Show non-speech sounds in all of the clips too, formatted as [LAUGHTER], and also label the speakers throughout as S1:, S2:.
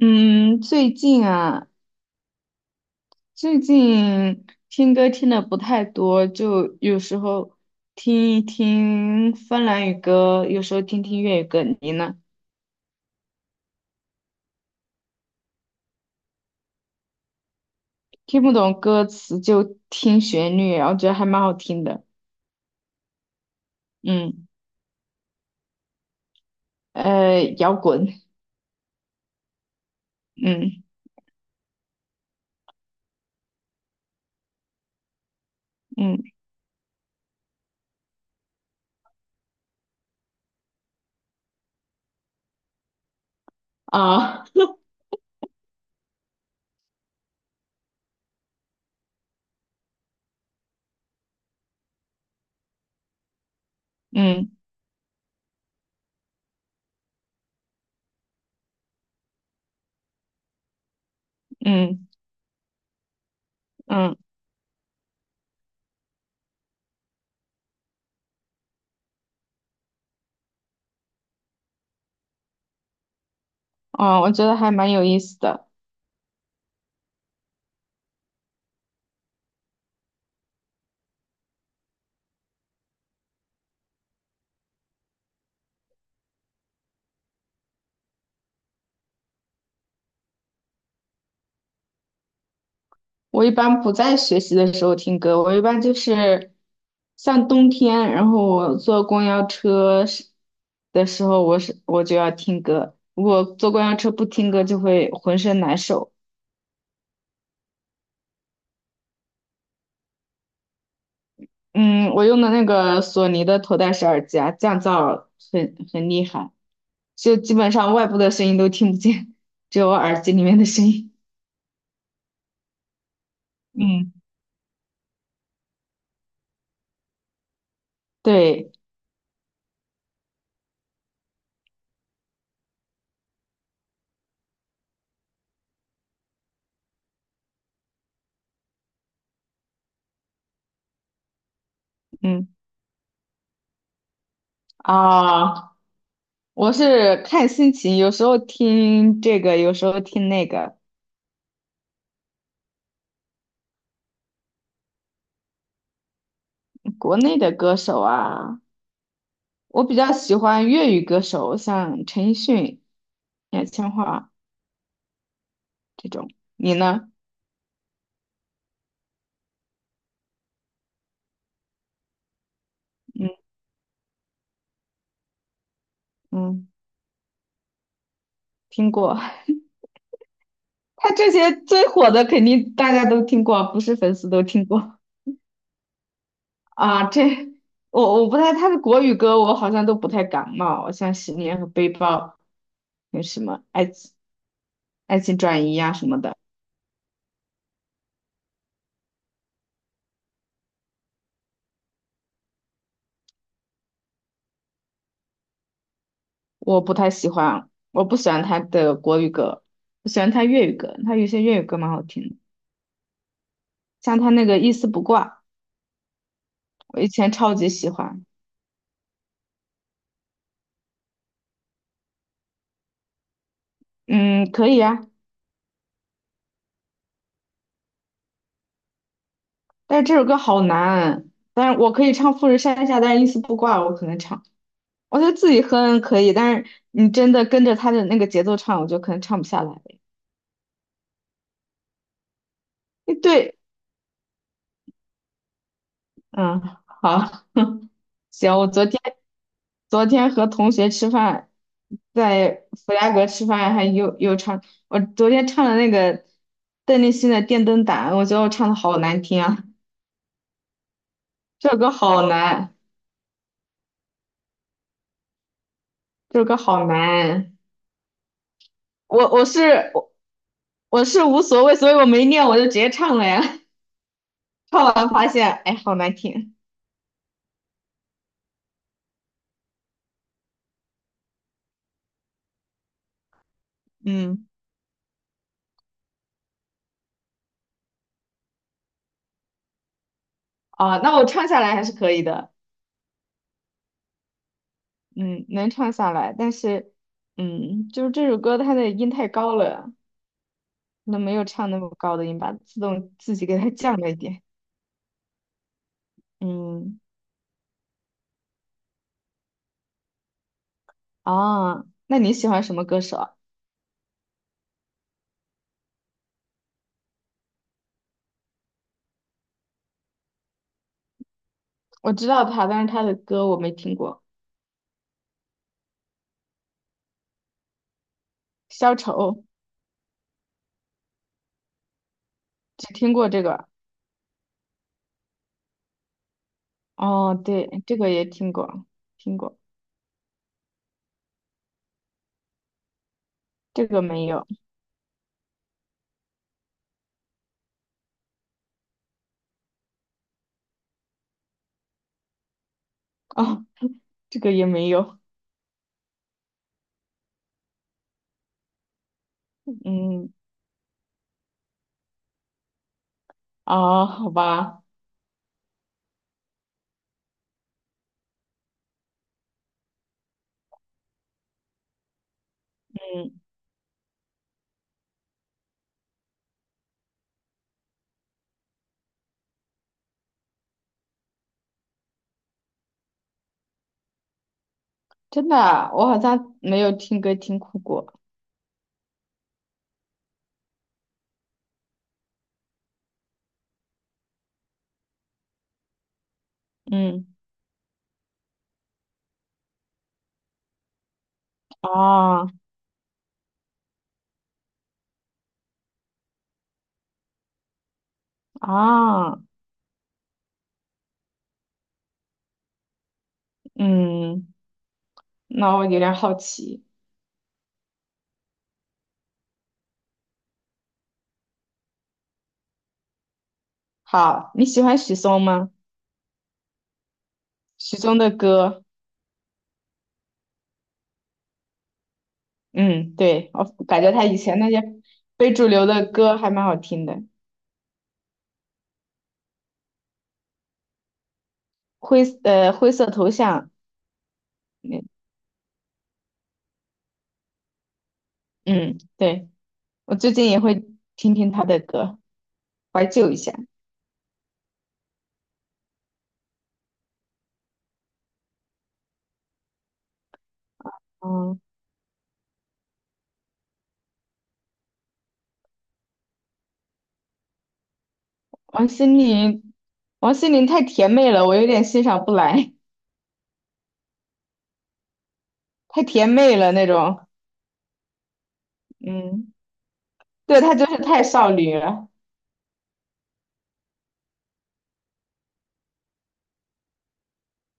S1: 嗯，最近啊，最近听歌听的不太多，就有时候听一听芬兰语歌，有时候听听粤语歌。你呢？听不懂歌词就听旋律，然后觉得还蛮好听的。嗯，摇滚。嗯嗯啊，[LAUGHS] 嗯嗯嗯啊，哦，我觉得还蛮有意思的。我一般不在学习的时候听歌，我一般就是像冬天，然后我坐公交车时的时候，我就要听歌。如果坐公交车不听歌，就会浑身难受。嗯，我用的那个索尼的头戴式耳机啊，降噪很厉害，就基本上外部的声音都听不见，只有我耳机里面的声音。嗯，对，嗯啊，我是看心情，有时候听这个，有时候听那个。国内的歌手啊，我比较喜欢粤语歌手，像陈奕迅、杨千嬅这种。你呢？嗯嗯，听过。[LAUGHS] 他这些最火的肯定大家都听过，不是粉丝都听过。 [LAUGHS] 啊。这我不太，他的国语歌我好像都不太感冒，像《十年》和《背包》，有什么《爱情转移》呀什么的，我不太喜欢。我不喜欢他的国语歌，我喜欢他粤语歌，他有些粤语歌蛮好听的，像他那个《一丝不挂》。我以前超级喜欢，嗯，可以啊，但是这首歌好难，但是我可以唱《富士山下》，但是一丝不挂，我可能唱，我觉得自己哼可以，但是你真的跟着他的那个节奏唱，我就可能唱不下来。诶对，嗯，好，[LAUGHS] 行，我昨天和同学吃饭，在弗莱格吃饭，还又唱，我昨天唱了那个邓丽欣的《电灯胆》，我觉得我唱的好难听啊，这首歌好难，这首歌好难。我我是我我是无所谓，所以我没念，我就直接唱了呀。[LAUGHS] 唱完发现，哎，好难听。嗯，啊，那我唱下来还是可以的，嗯，能唱下来，但是，嗯，就是这首歌它的音太高了，那没有唱那么高的音吧，自动自己给它降了一点。嗯，啊，那你喜欢什么歌手啊？我知道他，但是他的歌我没听过，消愁只听过这个。哦，对，这个也听过，听过，这个没有。哦，这个也没有。嗯，啊，好吧，嗯，真的啊，我好像没有听歌听哭过。嗯，啊啊，嗯，那我有点好奇。好，你喜欢许嵩吗？许嵩的歌，嗯，对，我感觉他以前那些非主流的歌还蛮好听的。灰，灰色头像，嗯，嗯，对，我最近也会听听他的歌，怀旧一下。嗯。王心凌，王心凌太甜妹了，我有点欣赏不来，太甜妹了那种。嗯，对，她就是太少女了。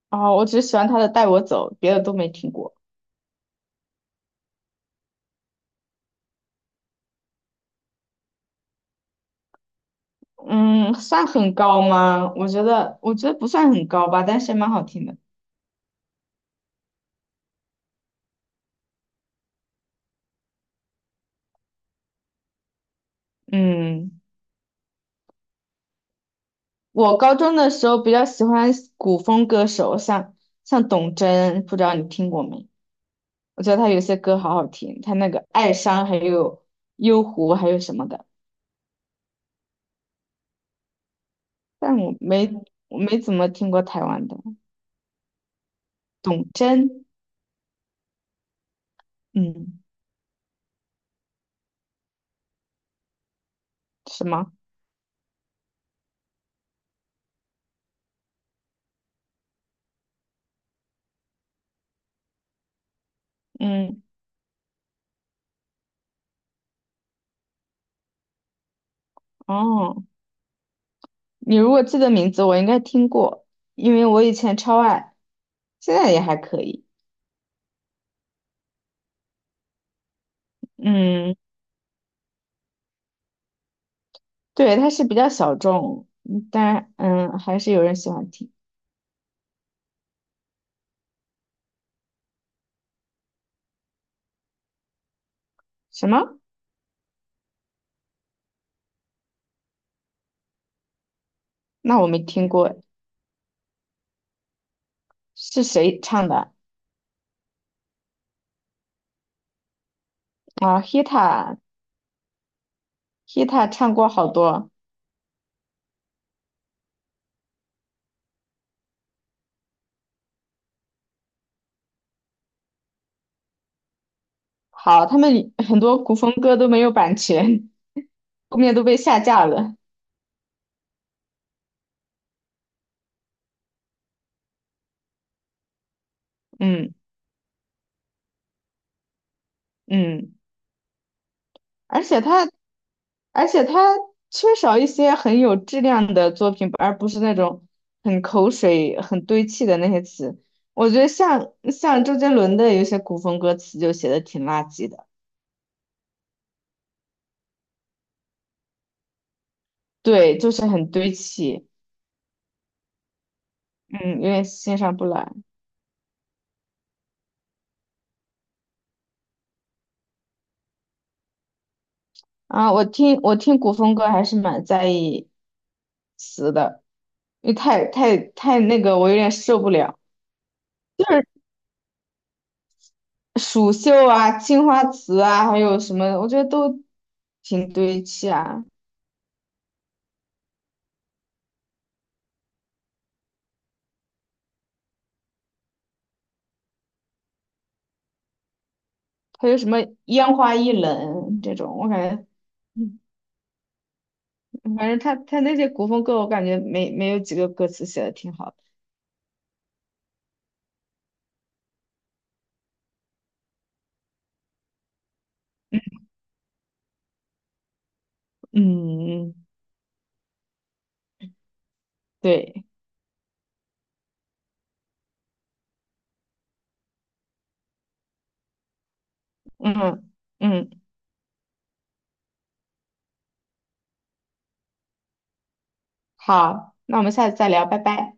S1: 哦，我只喜欢她的《带我走》，别的都没听过。嗯，算很高吗？我觉得，我觉得不算很高吧，但是蛮好听的。嗯，我高中的时候比较喜欢古风歌手，像董贞，不知道你听过没？我觉得他有些歌好好听，他那个《爱殇》还有《幽狐》还有什么的。但我没怎么听过台湾的董贞，嗯，什么？嗯，哦，你如果记得名字，我应该听过，因为我以前超爱，现在也还可以。嗯，对，它是比较小众，但还是有人喜欢听。什么？那我没听过，是谁唱的啊？Hita, Hita 唱过好多，好，他们很多古风歌都没有版权，[LAUGHS] 后面都被下架了。嗯嗯。而且他，而且他缺少一些很有质量的作品，而不是那种很口水、很堆砌的那些词。我觉得像周杰伦的有些古风歌词就写的挺垃圾的，对，就是很堆砌，嗯，有点欣赏不来啊。我听古风歌还是蛮在意词的，因为太那个，我有点受不了。就是蜀绣啊、青花瓷啊，还有什么，我觉得都挺堆砌啊。还有什么烟花易冷这种，我感觉，嗯，反正他那些古风歌，我感觉没有几个歌词写的挺好的。嗯，对，嗯嗯，好，那我们下次再聊，拜拜。